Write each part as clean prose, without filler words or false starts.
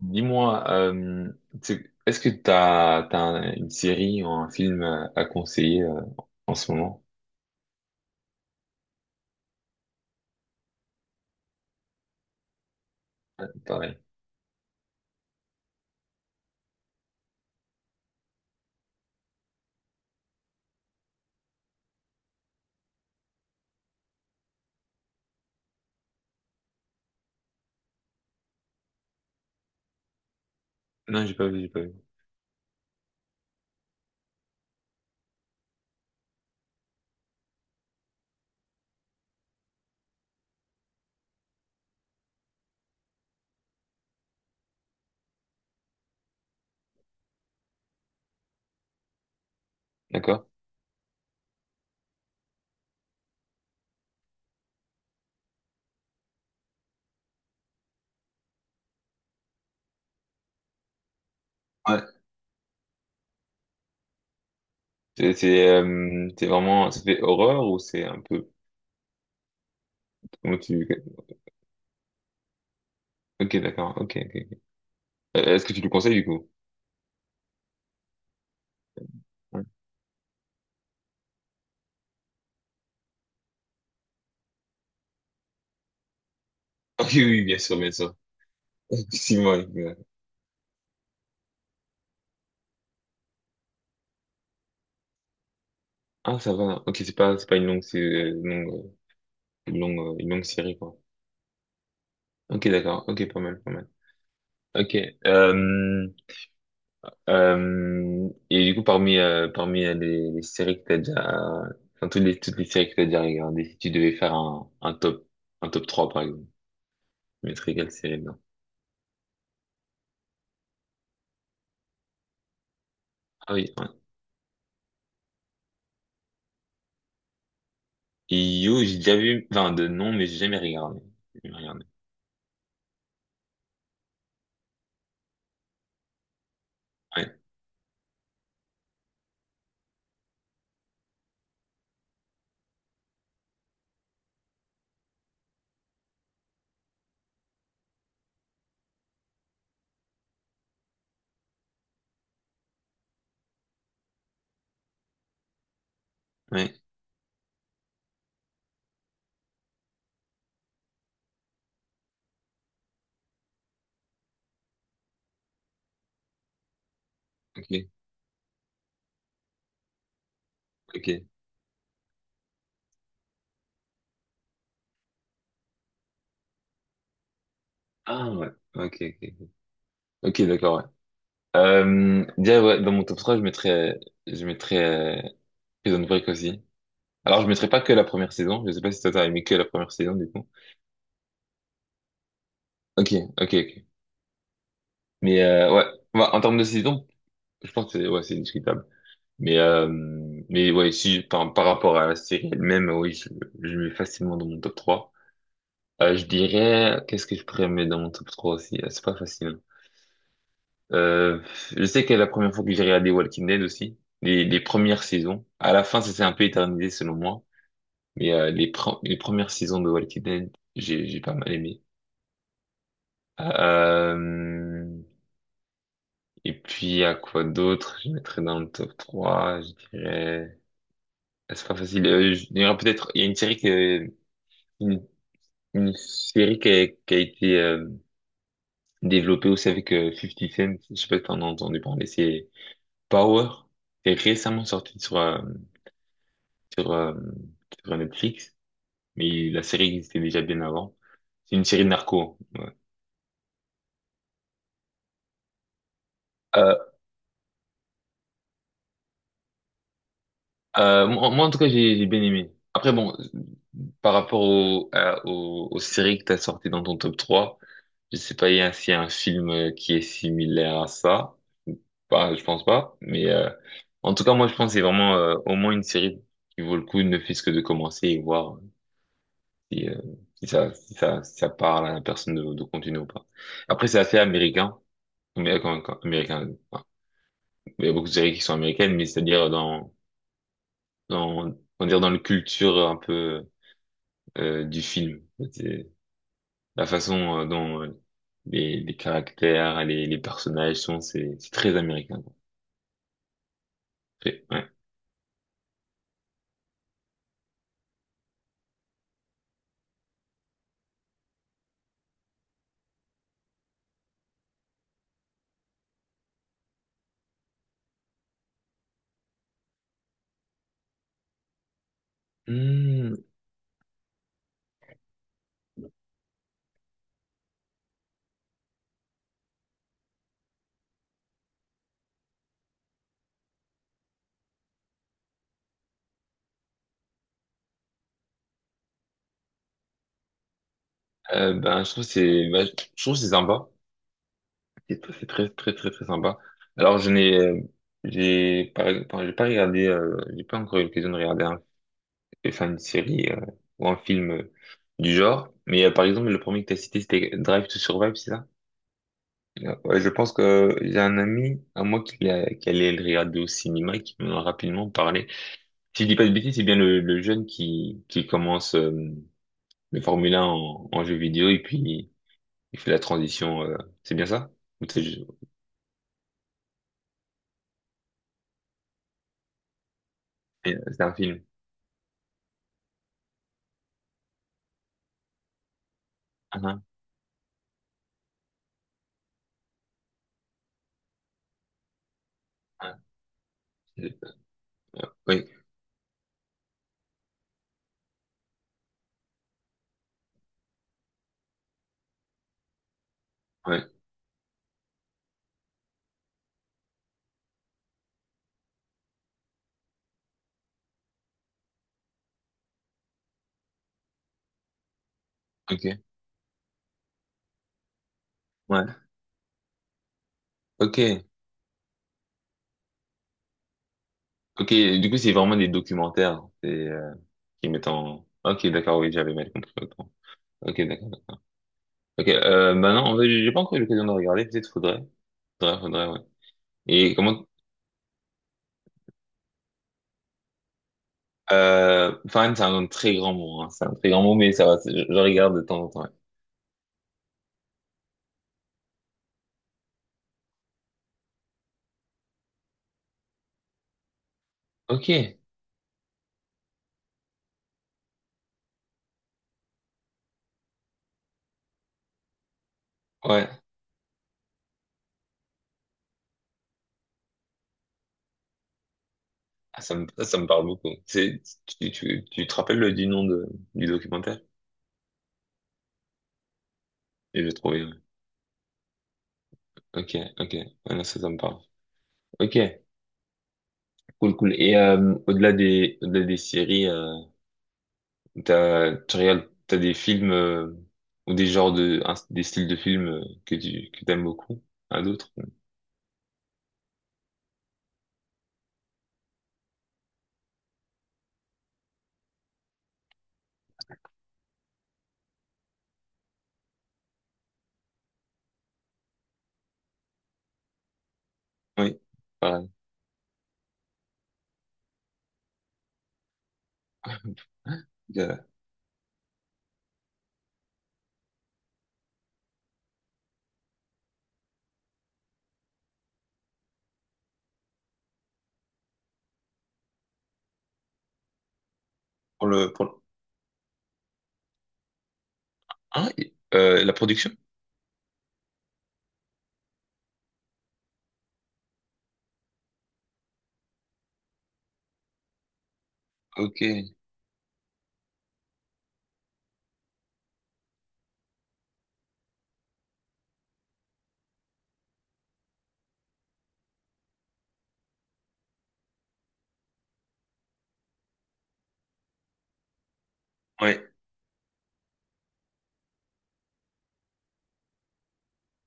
Dis-moi, est-ce que t'as une série ou un film à conseiller en ce moment? Ouais, pareil. Non, j'ai pas vu, j'ai pas vu. D'accord. Ouais. C'est vraiment, ça fait horreur ou c'est un peu, comment tu, ok, d'accord, ok, ok. Ok. Est-ce que tu le conseilles du coup? Ouais. Ah oui, oui, bien sûr, bien sûr. Effectivement. Ah, ça va. Ok, c'est pas une longue, c'est une longue série quoi. Ok, d'accord. Ok, pas mal, pas mal. Ok. Euh, et du coup, parmi les séries que t'as déjà, enfin, toutes les séries que t'as déjà regardées, si tu devais faire un top, un top, 3 par exemple, tu mettrais quelle série dedans? Ah oui, ouais. Et You, j'ai déjà vu, enfin, de nom, mais j'ai jamais regardé. J'ai jamais regardé. Ouais, ouais, ok, ok. Ah ouais, ok, ok. Ok, d'accord, ouais. Déjà, ouais, dans mon top 3, je mettrais, euh, Prison Break aussi. Alors, je mettrais pas que la première saison, je sais pas si toi t'as aimé que la première saison, du coup. Ok, ok, ok. Mais ouais, bah, en termes de saison, je pense que c'est, ouais, c'est discutable. Mais euh, mais ouais, si par rapport à la série elle-même, oui, je mets facilement dans mon top trois. Je dirais, qu'est-ce que je pourrais mettre dans mon top 3 aussi? Ah, c'est pas facile, hein. Euh, je sais que la première fois que j'ai regardé Walking Dead aussi, les premières saisons, à la fin ça s'est un peu éternisé selon moi, mais les premières saisons de Walking Dead, j'ai pas mal aimé. Euh, Et puis, à quoi d'autre? Je mettrais dans le top trois, je dirais... Ah, c'est pas facile. Je dirais peut-être... Il y a une série qui... Une, une série qui a été développée aussi avec 50 Cent. Je sais pas si t'en as entendu parler. C'est Power. C'est récemment sorti sur, sur, euh, sur Netflix. Mais la série existait déjà bien avant. C'est une série de narco. Euh, moi, en tout cas, j'ai bien aimé. Après, bon, par rapport aux séries que t'as sorties dans ton top 3, je sais pas s'il y a un film qui est similaire à ça. Bah, je pense pas. Mais en tout cas, moi, je pense que c'est vraiment au moins une série qui vaut le coup, ne fût-ce que de commencer et voir si, si ça parle à la personne de continuer ou pas. Après, c'est assez américain. Mais américain, enfin, il y a beaucoup de séries qui sont américaines, mais c'est-à-dire on va dire dans la culture un peu du film. La façon dont les caractères, les personnages sont, c'est très américain, quoi. Ouais. Hmm, je trouve que c'est sympa. C'est très très très très sympa. Alors je n'ai j'ai pas, enfin, j'ai pas encore eu l'occasion de regarder une série ou un film du genre. Mais par exemple le premier que t'as cité c'était Drive to Survive, c'est ça? Ouais, je pense que j'ai un ami à moi qui allait le regarder au cinéma et qui m'en a rapidement parlé. Si je dis pas de bêtises, c'est bien le jeune qui commence le Formule 1 en jeu vidéo et puis il fait la transition. C'est bien ça? Ou c'est un film. Ah, ah, ah, je- oui, ouais, ok, ouais, ok, ok. Du coup, c'est vraiment des documentaires, qui mettent en. Ok, d'accord, oui, j'avais mal compris, autant. Ok, d'accord. Ok, bah non, en fait, j'ai pas encore eu l'occasion de regarder. Peut-être faudrait, ouais. Et comment? Fan, c'est un très grand mot, hein, c'est un très grand mot, mais ça va. Je regarde de temps en temps, ouais. Ok, ouais. Ah, ça me parle beaucoup. Tu te rappelles du nom du documentaire? Je j'ai trouvé, ouais. Ok, ok. Voilà, ça me parle. Ok, cool, cool. Et au-delà des séries, t'as des films ou des genres des styles de films que t'aimes beaucoup, à d'autres? Oui, pareil. Euh, Pour le... Ah, la production? Ok, ouais,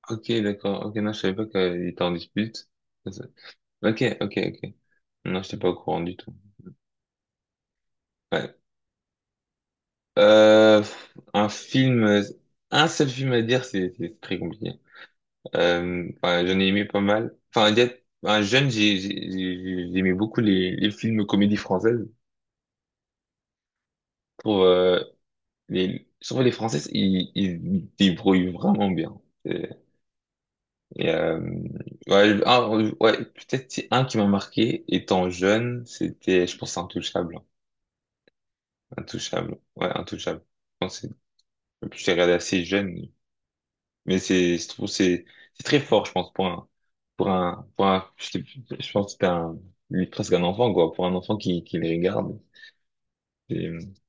ok, d'accord. Ok, non, je savais pas qu'il était en dispute. Ok, ok, ok. Non, j'étais pas au courant du tout. Ouais. Euh, un film, un seul film à dire, c'est très compliqué. Enfin, j'en ai aimé pas mal. Enfin, un jeune, j'aimais beaucoup les films comédie française. Pour surtout les Françaises, ils débrouillent vraiment bien. Et, et ouais, ouais, peut-être c'est un qui m'a marqué étant jeune, c'était, je pense, Intouchable. Intouchable. Ouais, Intouchable. Et puis, je l'ai regardé assez jeune. Mais je trouve, c'est très fort, je pense, pour un, pour un, je, je pense que c'était un, lui, presque un enfant, quoi, pour un enfant qui les regarde. Je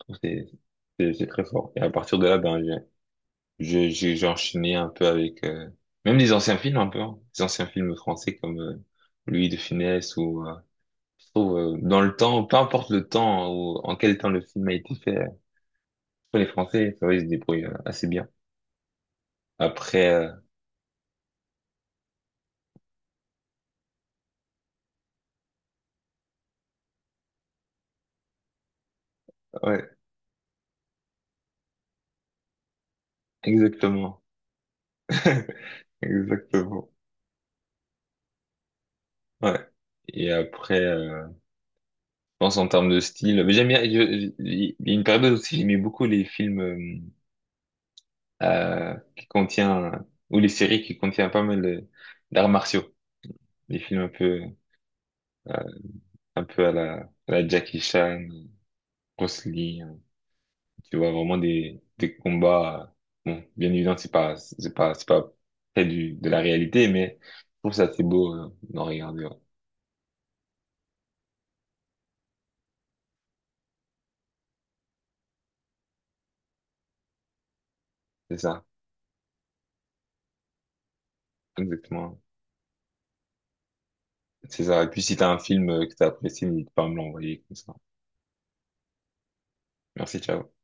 trouve que c'est très fort. Et à partir de là, ben, j'ai enchaîné un peu avec, même les anciens films, un peu, hein. Les anciens films français comme, Louis de Funès ou, je trouve, dans le temps, peu importe le temps ou en quel temps le film a été fait, les Français, ça va, ils se débrouillent assez bien. Après, ouais, exactement. Exactement. Ouais. Et après, je pense en termes de style, mais j'aime bien. Il y a une période aussi, j'aimais beaucoup les films qui contient ou les séries qui contiennent pas mal d'arts martiaux, des films euh, un peu à la Jackie Chan, Bruce Lee, hein. Tu vois vraiment des combats. Bon, bien évidemment, c'est pas près du de la réalité, mais je trouve ça assez beau d'en regarder, ouais. C'est ça, exactement. C'est ça. Et puis si t'as un film que t'as apprécié, n'hésite pas à me l'envoyer comme ça. Merci, ciao.